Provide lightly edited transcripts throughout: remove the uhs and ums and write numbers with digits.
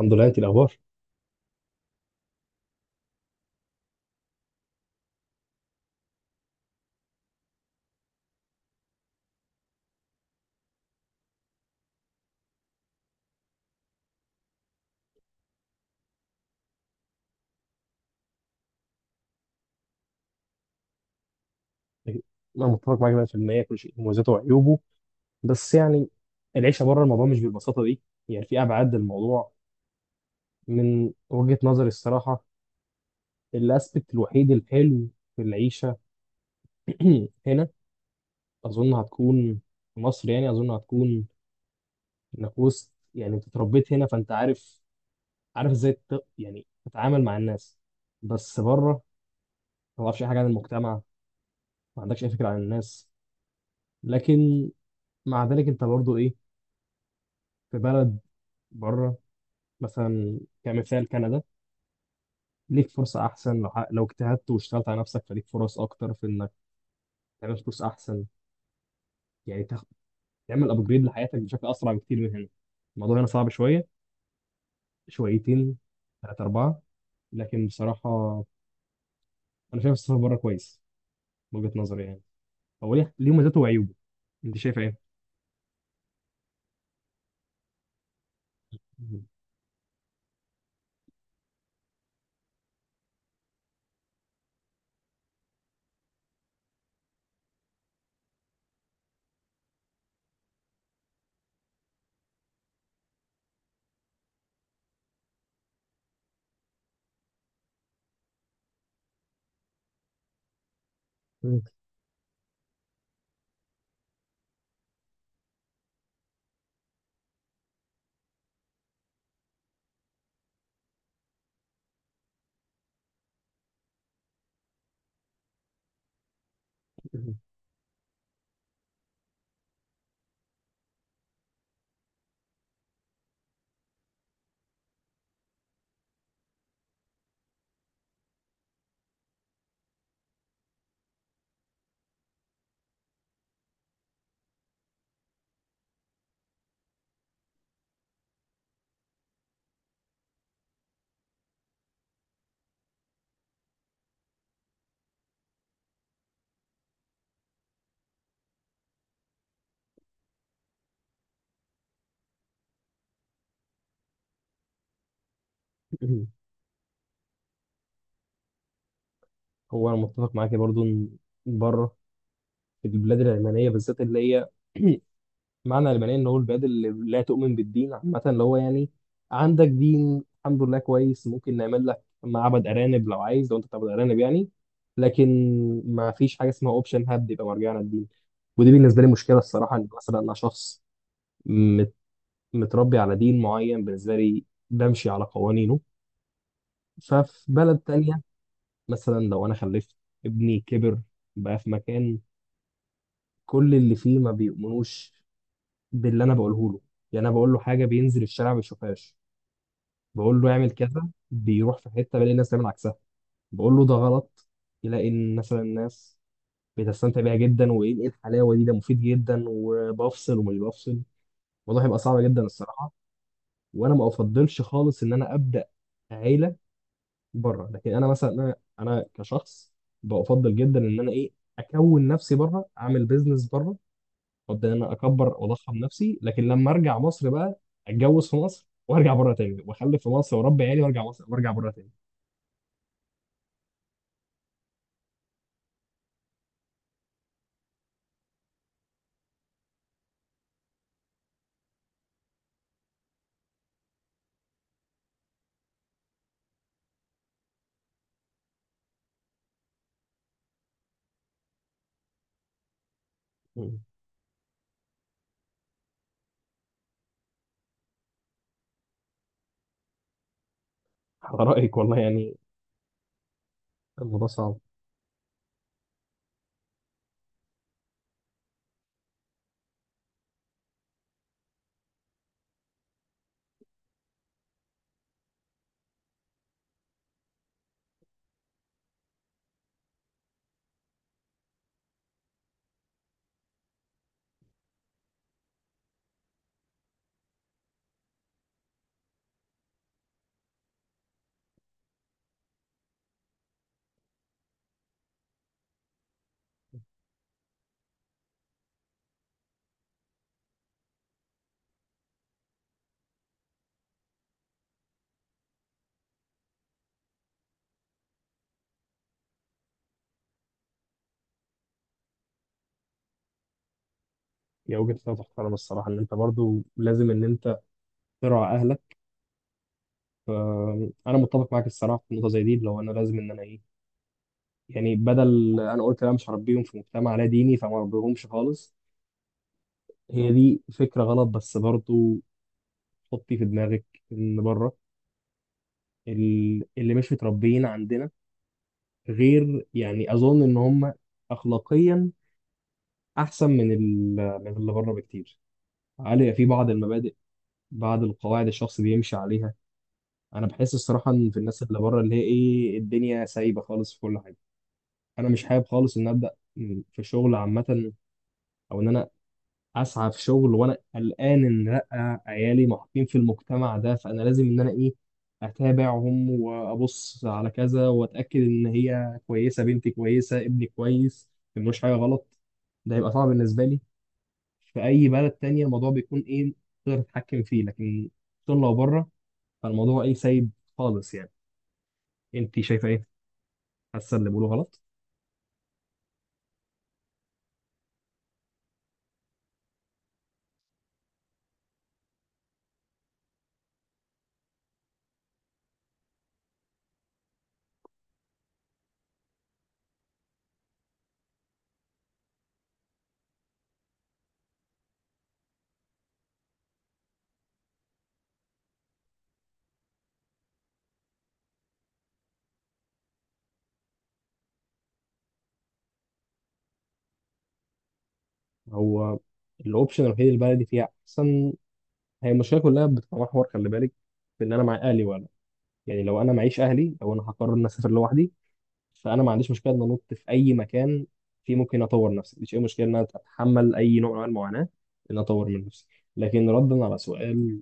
الحمد لله، انت الاخبار؟ انا متفق معاك 100%. كل شيء مميزاته وعيوبه. بس يعني، العيشه بره الموضوع مش بالبساطه دي. يعني في ابعاد للموضوع، من وجهه نظري الصراحه. الاسبكت الوحيد الحلو في العيشه هنا اظن هتكون، في مصر يعني اظن هتكون انك وسط. يعني انت اتربيت هنا فانت عارف ازاي يعني تتعامل مع الناس. بس بره ما تعرفش اي حاجه عن المجتمع، ما عندكش اي فكره عن الناس. لكن مع ذلك انت برضو ايه، في بلد بره، مثلا كمثال كندا، ليك فرصة أحسن لو لو اجتهدت واشتغلت على نفسك، فليك فرص أكتر في إنك تعمل فلوس أحسن. يعني تاخد، تعمل أبجريد لحياتك بشكل أسرع بكتير من هنا. الموضوع هنا صعب شوية، شويتين، ثلاثة، أربعة. لكن بصراحة أنا شايف السفر بره كويس، من وجهة نظري يعني. هو ليه مزاته وعيوبه. أنت شايف إيه؟ هو أنا متفق معاك برضو إن بره، في البلاد العلمانية بالذات اللي هي معنى المعنيه ان هو البلاد اللي لا تؤمن بالدين عامه، اللي هو يعني عندك دين الحمد لله كويس، ممكن نعمل لك معبد ارانب لو عايز، لو انت بتعبد ارانب يعني. لكن ما فيش حاجه اسمها اوبشن هاب يبقى مرجعنا للدين. ودي بالنسبه لي مشكله الصراحه، ان مثلا انا شخص مت- متربي على دين معين، بالنسبه لي بمشي على قوانينه. ففي بلد تانية، مثلا لو انا خلفت، ابني كبر، بقى في مكان كل اللي فيه ما بيؤمنوش باللي انا بقوله له. يعني انا بقول له حاجه بينزل الشارع ما بيشوفهاش، بقول له اعمل كذا بيروح في حته بلاقي الناس تعمل عكسها، بقول له ده غلط يلاقي ان مثلا الناس بتستمتع بيها جدا، وايه إيه الحلاوه دي، ده مفيد جدا، وبفصل ومش بفصل. الموضوع هيبقى صعب جدا الصراحه. وانا ما افضلش خالص ان انا ابدا عيله بره. لكن انا مثلا، انا كشخص بفضل جدا ان انا ايه، اكون نفسي بره، اعمل بيزنس بره، ابدا ان انا اكبر واضخم نفسي، لكن لما ارجع مصر بقى اتجوز في مصر، وارجع بره تاني، واخلف في مصر، واربي عيالي، وارجع مصر، وارجع بره تاني. على رأيك والله يعني. الموضوع صعب. هي وجهة نظر فعلا الصراحة، إن أنت برضو لازم إن أنت تراعي أهلك. أنا متفق معاك الصراحة في النقطة زي دي، اللي هو أنا لازم إن أنا إيه، يعني بدل أنا قلت أنا مش هربيهم في مجتمع لا ديني فما أربيهمش خالص. هي دي فكرة غلط، بس برضو حطي في دماغك إن بره اللي مش متربيين عندنا غير، يعني أظن إن هم أخلاقيا أحسن من من اللي بره بكتير، علي في بعض المبادئ، بعض القواعد الشخص بيمشي عليها. انا بحس الصراحه ان في الناس اللي بره، اللي هي ايه الدنيا سايبه خالص في كل حاجه. انا مش حابب خالص ان ابدا في شغل عامه، او ان انا اسعى في شغل وانا قلقان ان لا عيالي محطين في المجتمع ده، فانا لازم ان انا ايه اتابعهم وابص على كذا واتاكد ان هي كويسه، بنتي كويسه، ابني كويس، ما ملوش حاجه غلط. ده هيبقى صعب بالنسبه لي. في اي بلد تانية الموضوع بيكون ايه، تقدر تتحكم فيه، لكن طول لو بره فالموضوع ايه سايب خالص يعني. انت شايفه ايه، حاسه اللي بيقوله غلط؟ هو الاوبشن الوحيد اللي البلدي فيها احسن، هي المشكله كلها بتتمحور، خلي بالك، في ان انا مع اهلي ولا، يعني لو انا معيش اهلي، لو انا هقرر ان اسافر لوحدي فانا ما عنديش مشكله ان انط في اي مكان فيه ممكن اطور نفسي، مش اي مشكله ان انا اتحمل اي نوع من أنواع المعاناه ان أنا اطور من نفسي. لكن ردا على سؤال،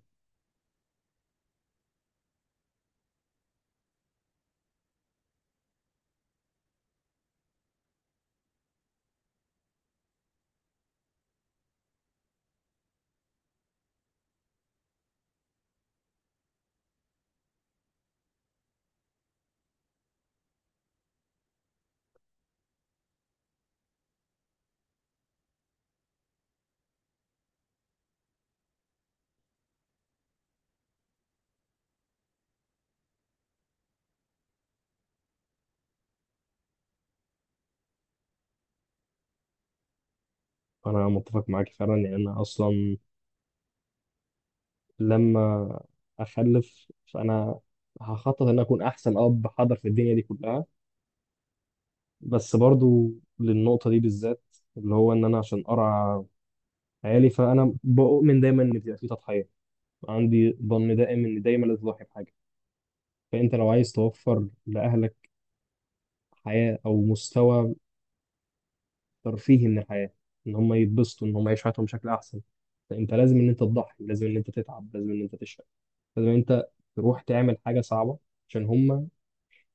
انا متفق معاك فعلا، يعني انا اصلا لما اخلف فانا هخطط ان أنا اكون احسن اب حاضر في الدنيا دي كلها. بس برضو للنقطة دي بالذات اللي هو إن أنا عشان أرعى عيالي، فأنا بؤمن دايما إن بيبقى في تضحية، عندي ظن دائم إن دايما لازم تضحي بحاجة. فأنت لو عايز توفر لأهلك حياة أو مستوى ترفيهي من الحياة، إن هم يتبسطوا، إن هم يعيشوا حياتهم بشكل أحسن، فأنت لازم إن أنت تضحي، لازم إن أنت تتعب، لازم إن أنت تشقى، لازم إن أنت تروح تعمل حاجة صعبة عشان هم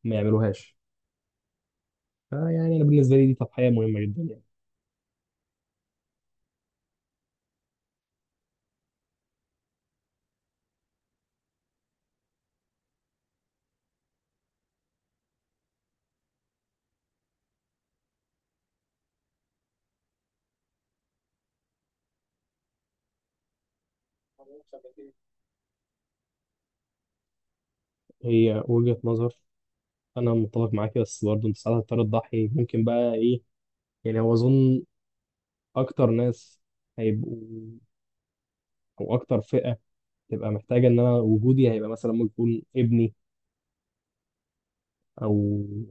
ما يعملوهاش. فيعني أنا بالنسبة لي دي تضحية مهمة جدا يعني. هي وجهة نظر، انا متفق معاك، بس برضه انت ساعات هتضطر تضحي ممكن بقى ايه. يعني هو اظن اكتر ناس هيبقوا، او اكتر فئة تبقى محتاجة ان انا وجودي، هيبقى مثلا ممكن يكون ابني، او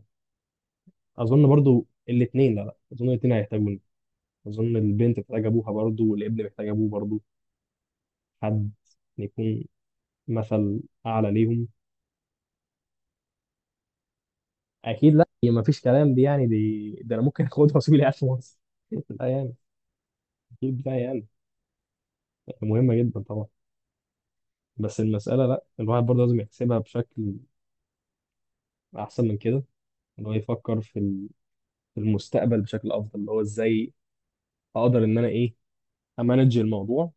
اظن برضه الاثنين، لا لا اظن الاثنين هيحتاجوني، اظن البنت محتاجة ابوها برضه، والابن محتاج ابوه برضه، حد يكون مثل اعلى ليهم. اكيد لا، هي ما فيش كلام دي يعني، دي ده انا ممكن اخدها واسيب لي قاعد في مصر لا يعني، اكيد لا يعني، مهمة جدا طبعا. بس المسألة لا، الواحد برضه لازم يحسبها بشكل أحسن من كده، إن هو يفكر في في المستقبل بشكل أفضل، اللي هو إزاي أقدر إن أنا إيه أمانج الموضوع.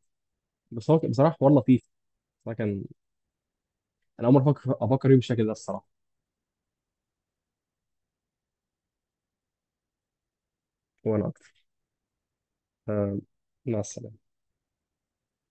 بس هو بصراحة حوار لطيف. بصراحة كان أنا أول مرة أفكر فيه بالشكل ده الصراحة. وأنا أكتر. آه، مع السلامة.